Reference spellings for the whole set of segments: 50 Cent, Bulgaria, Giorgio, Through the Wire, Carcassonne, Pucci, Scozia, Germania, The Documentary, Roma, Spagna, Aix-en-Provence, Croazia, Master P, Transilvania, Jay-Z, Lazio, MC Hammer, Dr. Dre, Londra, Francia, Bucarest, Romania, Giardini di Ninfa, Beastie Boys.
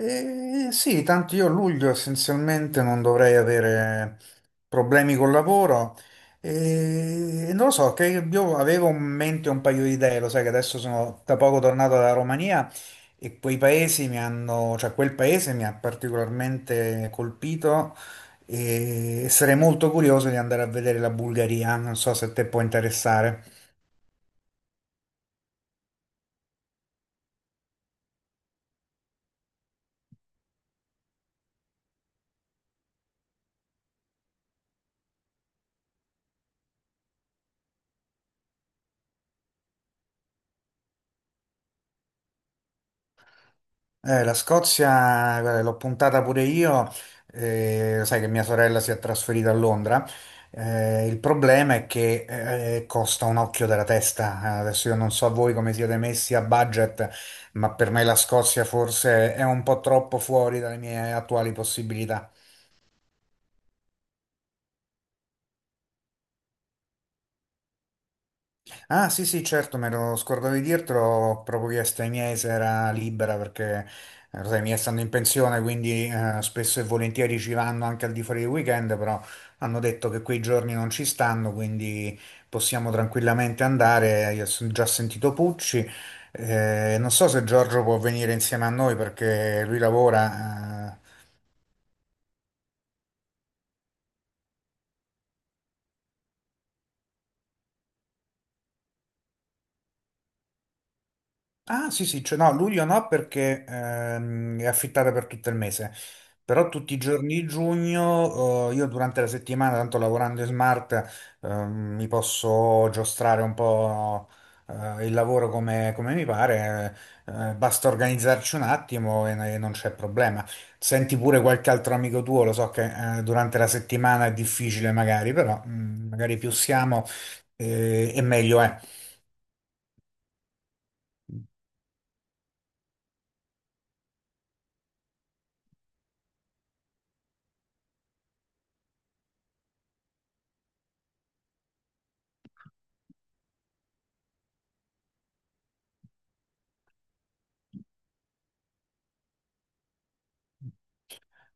Sì, tanto io a luglio essenzialmente non dovrei avere problemi col lavoro e non lo so, che io avevo in mente un paio di idee, lo sai che adesso sono da poco tornato dalla Romania e quei paesi mi hanno, cioè quel paese mi ha particolarmente colpito e sarei molto curioso di andare a vedere la Bulgaria, non so se te può interessare. La Scozia, guarda, l'ho puntata pure io, sai che mia sorella si è trasferita a Londra, il problema è che costa un occhio della testa. Adesso io non so voi come siete messi a budget, ma per me la Scozia forse è un po' troppo fuori dalle mie attuali possibilità. Ah, sì, sì, certo, me lo scordavo di dirtelo, proprio chiesto ai miei se era libera perché lo sai, i miei stanno in pensione, quindi spesso e volentieri ci vanno anche al di fuori del weekend, però hanno detto che quei giorni non ci stanno, quindi possiamo tranquillamente andare. Io ho già sentito Pucci, non so se Giorgio può venire insieme a noi perché lui lavora. Ah, sì, sì, cioè no, luglio no perché è affittata per tutto il mese, però tutti i giorni di giugno io durante la settimana, tanto lavorando in smart, mi posso giostrare un po' il lavoro come mi pare, basta organizzarci un attimo e non c'è problema. Senti pure qualche altro amico tuo, lo so che durante la settimana è difficile magari, però magari più siamo e meglio è.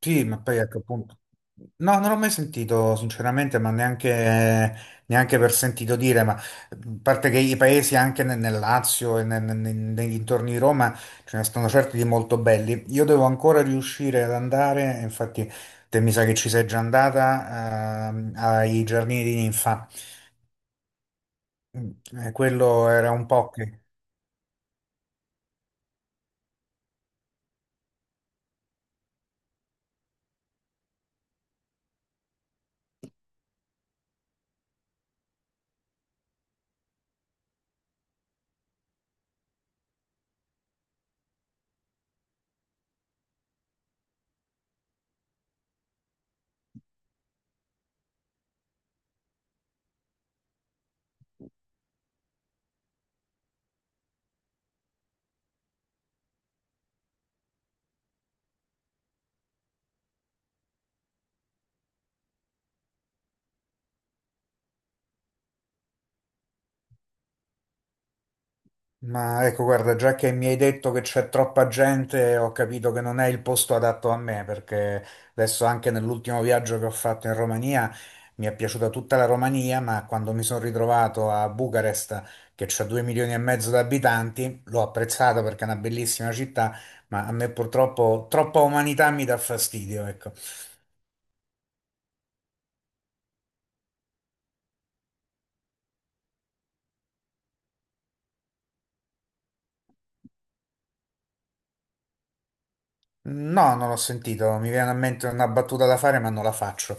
Sì, ma poi ecco appunto. No, non l'ho mai sentito sinceramente, ma neanche per sentito dire, ma a parte che i paesi anche nel Lazio e nei dintorni di Roma ce ne stanno certi di molto belli. Io devo ancora riuscire ad andare, infatti te mi sa che ci sei già andata, ai Giardini di Ninfa. Mm, quello era un po' che. Ma ecco, guarda, già che mi hai detto che c'è troppa gente, ho capito che non è il posto adatto a me, perché adesso anche nell'ultimo viaggio che ho fatto in Romania mi è piaciuta tutta la Romania, ma quando mi sono ritrovato a Bucarest, che c'ha 2,5 milioni di abitanti, l'ho apprezzata perché è una bellissima città, ma a me purtroppo troppa umanità mi dà fastidio, ecco. No, non l'ho sentito, mi viene a mente una battuta da fare, ma non la faccio.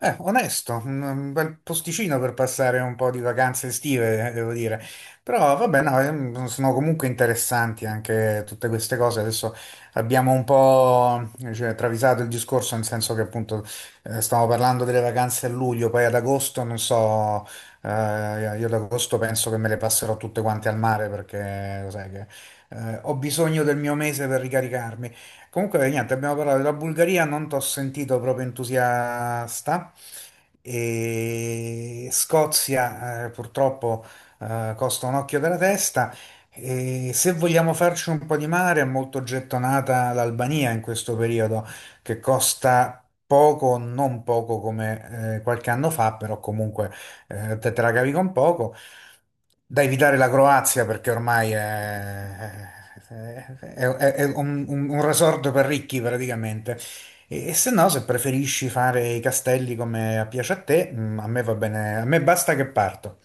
Onesto, un bel posticino per passare un po' di vacanze estive, devo dire. Però vabbè, no, sono comunque interessanti anche tutte queste cose. Adesso abbiamo un po', cioè, travisato il discorso, nel senso che appunto stiamo parlando delle vacanze a luglio, poi ad agosto, non so, eh, io ad agosto penso che me le passerò tutte quante al mare perché, lo sai che ho bisogno del mio mese per ricaricarmi. Comunque, niente, abbiamo parlato della Bulgaria, non t'ho sentito proprio entusiasta. E Scozia, purtroppo, costa un occhio della testa. E se vogliamo farci un po' di mare, è molto gettonata l'Albania in questo periodo, che costa poco, non poco come qualche anno fa, però comunque te la cavi con poco, da evitare la Croazia perché ormai è- è un, un resort per ricchi praticamente. E se no, se preferisci fare i castelli come piace a te, mm, a me va bene, a me basta che parto.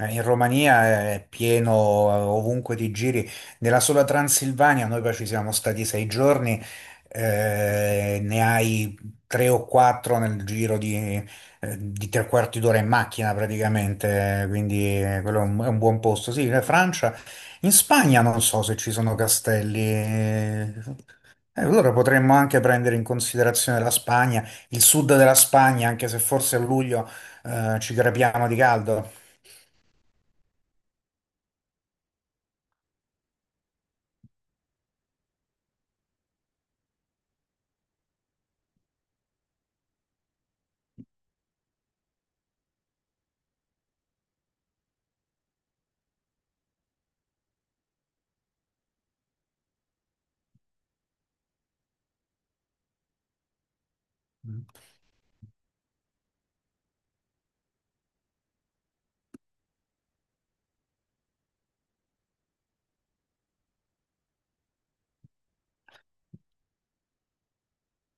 In Romania è pieno, ovunque ti giri. Nella sola Transilvania noi poi ci siamo stati 6 giorni, ne hai tre o quattro nel giro di 3/4 d'ora in macchina praticamente, quindi quello è è un buon posto. Sì, in Francia, in Spagna non so se ci sono castelli. Allora potremmo anche prendere in considerazione la Spagna, il sud della Spagna, anche se forse a luglio, ci crepiamo di caldo.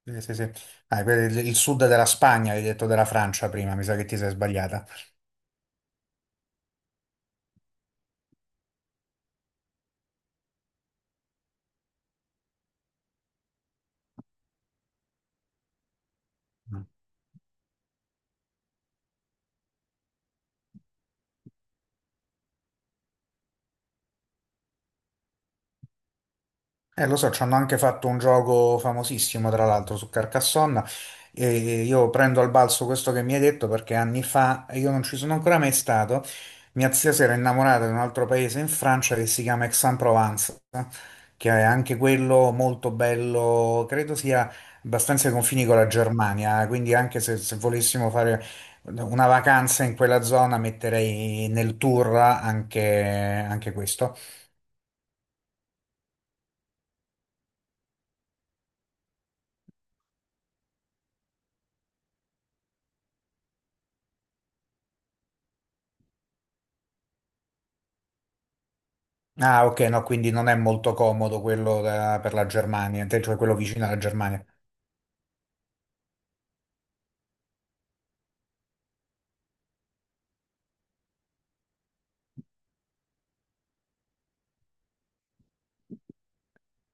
Sì, sì, sì. Ah, per il sud della Spagna, hai detto della Francia prima, mi sa che ti sei sbagliata. Mm. Lo so, ci hanno anche fatto un gioco famosissimo, tra l'altro, su Carcassonne. E io prendo al balzo questo che mi hai detto perché anni fa, e io non ci sono ancora mai stato, mia zia si era innamorata di un altro paese in Francia che si chiama Aix-en-Provence, che è anche quello molto bello, credo sia abbastanza ai confini con la Germania, quindi anche se, se volessimo fare una vacanza in quella zona metterei nel tour anche, anche questo. Ah, ok, no, quindi non è molto comodo quello da- per la Germania, te- cioè quello vicino alla Germania.